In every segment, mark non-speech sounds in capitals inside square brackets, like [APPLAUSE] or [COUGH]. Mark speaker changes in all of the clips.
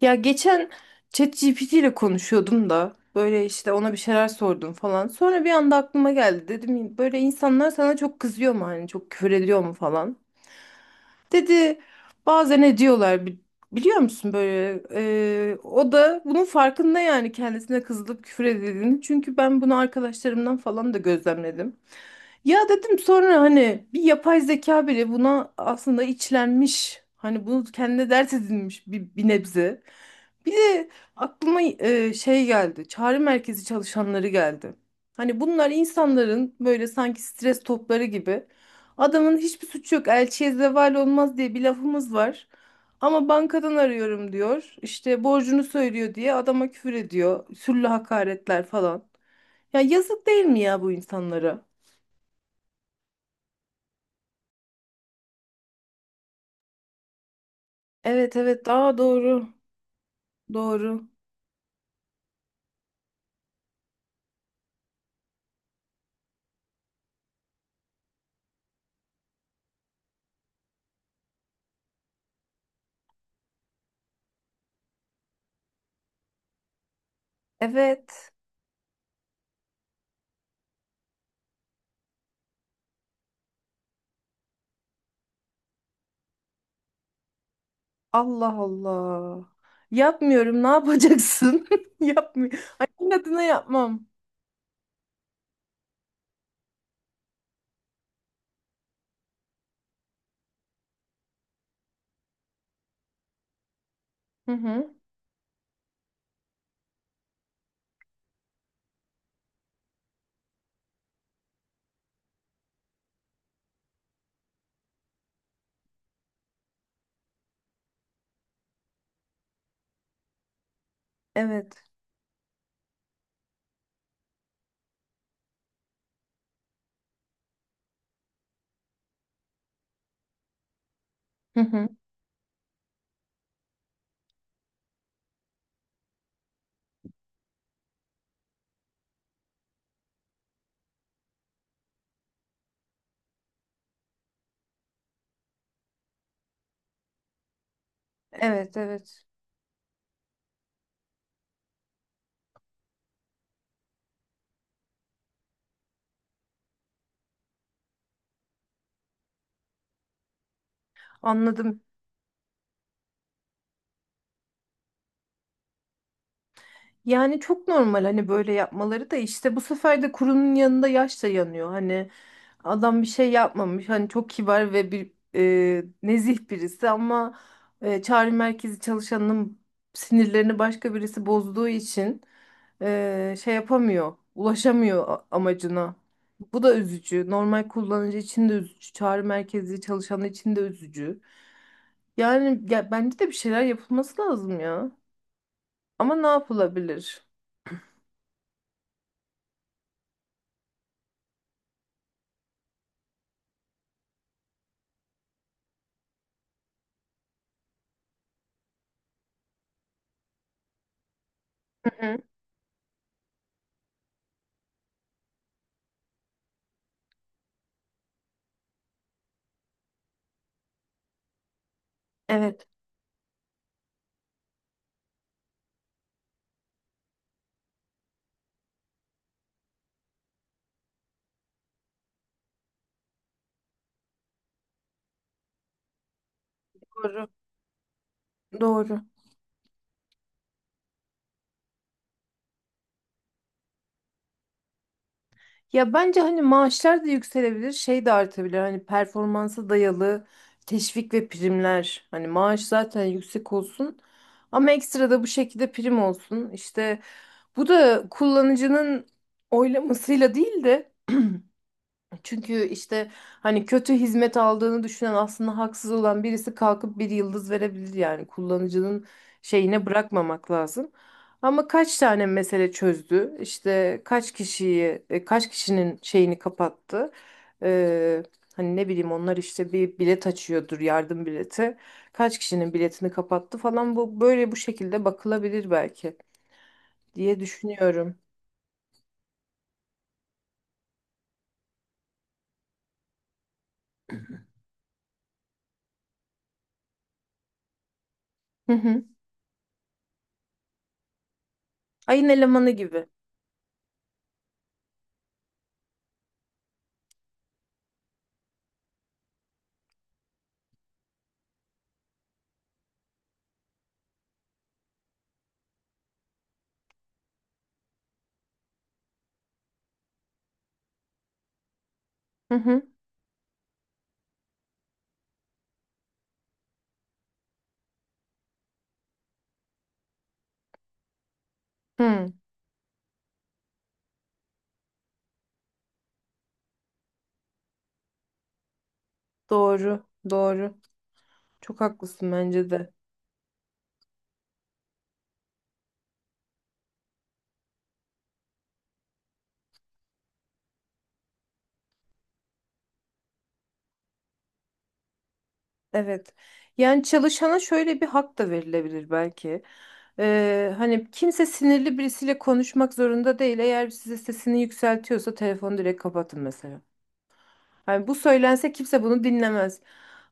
Speaker 1: Ya geçen ChatGPT ile konuşuyordum da böyle işte ona bir şeyler sordum falan. Sonra bir anda aklıma geldi. Dedim böyle insanlar sana çok kızıyor mu hani çok küfür ediyor mu falan. Dedi bazen ediyorlar biliyor musun böyle o da bunun farkında yani kendisine kızılıp küfür edildiğini. Çünkü ben bunu arkadaşlarımdan falan da gözlemledim. Ya dedim sonra hani bir yapay zeka bile buna aslında içlenmiş. Hani bunu kendine dert edinmiş bir nebze. Bir de aklıma şey geldi. Çağrı merkezi çalışanları geldi. Hani bunlar insanların böyle sanki stres topları gibi. Adamın hiçbir suçu yok. Elçiye zeval olmaz diye bir lafımız var. Ama bankadan arıyorum diyor. İşte borcunu söylüyor diye adama küfür ediyor. Sürlü hakaretler falan. Ya yazık değil mi ya bu insanlara? Evet evet, daha doğru. Doğru. Evet. Allah Allah. Yapmıyorum. Ne yapacaksın? [LAUGHS] Yapmıyorum. Annemin adına yapmam. Hı hı. Evet. Hı hı. Evet evet. Anladım. Yani çok normal hani böyle yapmaları da işte bu sefer de kurunun yanında yaş da yanıyor. Hani adam bir şey yapmamış. Hani çok kibar ve bir nezih birisi ama çağrı merkezi çalışanının sinirlerini başka birisi bozduğu için şey yapamıyor, ulaşamıyor amacına. Bu da üzücü. Normal kullanıcı için de üzücü. Çağrı merkezi çalışanı için de üzücü. Yani ya, bence de bir şeyler yapılması lazım ya. Ama ne yapılabilir? Hı hı. Evet, doğru. Doğru. Ya bence hani maaşlar da yükselebilir, şey de artabilir. Hani performansa dayalı teşvik ve primler. Hani maaş zaten yüksek olsun ama ekstra da bu şekilde prim olsun. İşte bu da kullanıcının oylamasıyla değil de, çünkü işte hani kötü hizmet aldığını düşünen aslında haksız olan birisi kalkıp bir yıldız verebilir yani kullanıcının şeyine bırakmamak lazım. Ama kaç tane mesele çözdü? İşte kaç kişiyi, kaç kişinin şeyini kapattı? Ee, hani ne bileyim onlar işte bir bilet açıyordur, yardım bileti. Kaç kişinin biletini kapattı falan, bu böyle bu şekilde bakılabilir belki diye düşünüyorum. Hı hı. Ayın elemanı gibi. Hı hı. Hı. Doğru, doğru. Çok haklısın bence de. Evet. Yani çalışana şöyle bir hak da verilebilir belki. Hani kimse sinirli birisiyle konuşmak zorunda değil. Eğer size sesini yükseltiyorsa telefonu direkt kapatın mesela. Hani bu söylense kimse bunu dinlemez.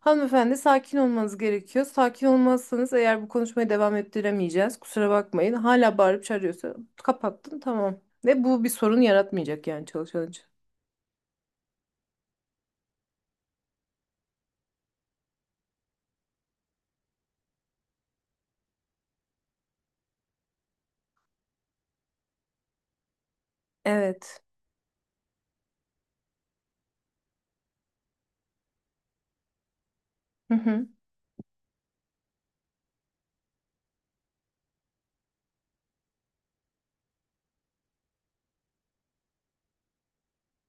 Speaker 1: Hanımefendi sakin olmanız gerekiyor. Sakin olmazsanız eğer bu konuşmayı devam ettiremeyeceğiz. Kusura bakmayın. Hala bağırıp çağırıyorsa kapattın tamam. Ve bu bir sorun yaratmayacak yani çalışan için. Evet. Hı hı.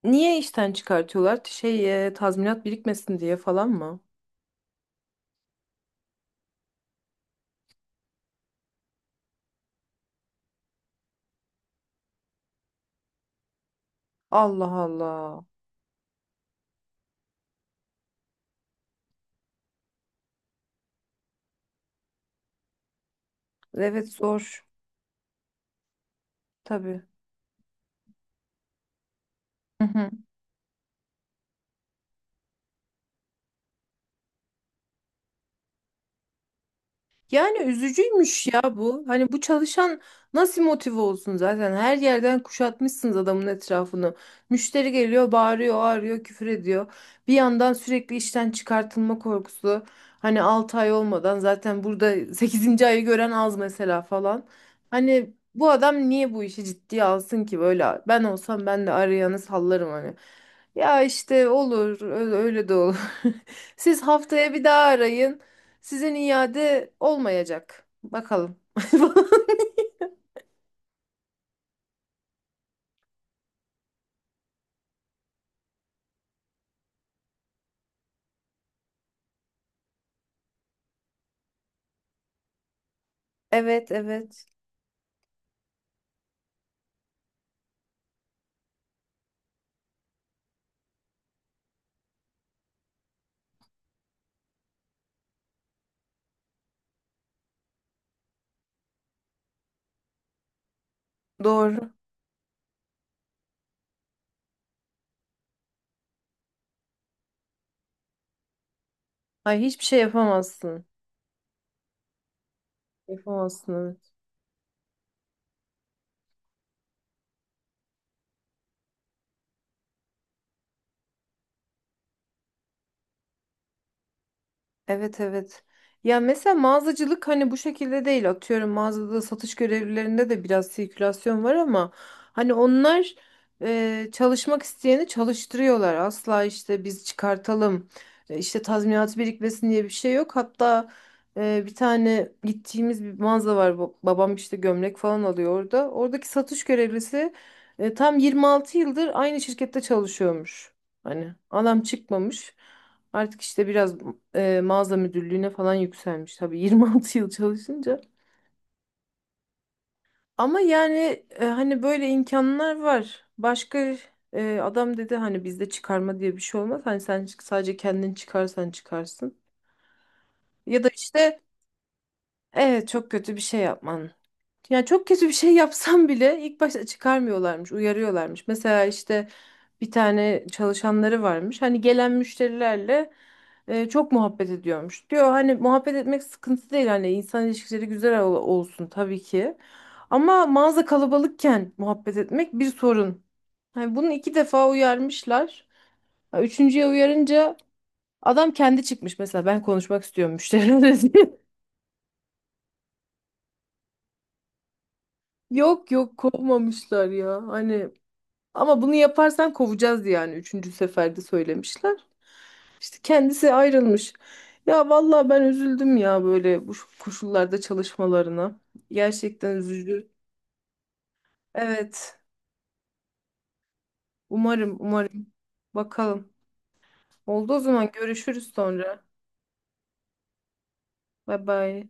Speaker 1: Niye işten çıkartıyorlar? Şey, tazminat birikmesin diye falan mı? Allah Allah. Evet zor. Tabii. Hı hı. Yani üzücüymüş ya bu. Hani bu çalışan nasıl motive olsun zaten? Her yerden kuşatmışsınız adamın etrafını. Müşteri geliyor, bağırıyor, ağrıyor, küfür ediyor. Bir yandan sürekli işten çıkartılma korkusu. Hani 6 ay olmadan zaten burada [LAUGHS] sekizinci ayı gören az mesela falan. Hani bu adam niye bu işi ciddiye alsın ki böyle? Ben olsam ben de arayanı sallarım hani. Ya işte olur, öyle öyle de olur. [LAUGHS] Siz haftaya bir daha arayın. Sizin iade olmayacak. Bakalım. [LAUGHS] Evet, evet. Doğru. Ay hiçbir şey yapamazsın. Yapamazsın, evet. Evet evet. Ya mesela mağazacılık hani bu şekilde değil. Atıyorum mağazada satış görevlilerinde de biraz sirkülasyon var ama hani onlar çalışmak isteyeni çalıştırıyorlar. Asla işte biz çıkartalım işte tazminat birikmesin diye bir şey yok. Hatta bir tane gittiğimiz bir mağaza var. Babam işte gömlek falan alıyor orada. Oradaki satış görevlisi tam 26 yıldır aynı şirkette çalışıyormuş. Hani adam çıkmamış. Artık işte biraz mağaza müdürlüğüne falan yükselmiş tabii [LAUGHS] 26 yıl çalışınca. Ama yani hani böyle imkanlar var. Başka adam dedi hani bizde çıkarma diye bir şey olmaz. Hani sen sadece kendin çıkarsan çıkarsın. Ya da işte evet, çok kötü bir şey yapman. Ya çok kötü bir şey yapsam bile ilk başta çıkarmıyorlarmış, uyarıyorlarmış. Mesela işte bir tane çalışanları varmış. Hani gelen müşterilerle çok muhabbet ediyormuş. Diyor hani muhabbet etmek sıkıntı değil hani insan ilişkileri güzel olsun tabii ki. Ama mağaza kalabalıkken muhabbet etmek bir sorun. Hani bunu iki defa uyarmışlar. Ha, üçüncüye uyarınca adam kendi çıkmış mesela ben konuşmak istiyorum müşterilerle diye. [LAUGHS] Yok yok kovmamışlar ya. Hani ama bunu yaparsan kovacağız diye yani üçüncü seferde söylemişler. İşte kendisi ayrılmış. Ya vallahi ben üzüldüm ya böyle bu şu koşullarda çalışmalarına. Gerçekten üzücü. Evet. Umarım, umarım. Bakalım. Oldu o zaman, görüşürüz sonra. Bay bay.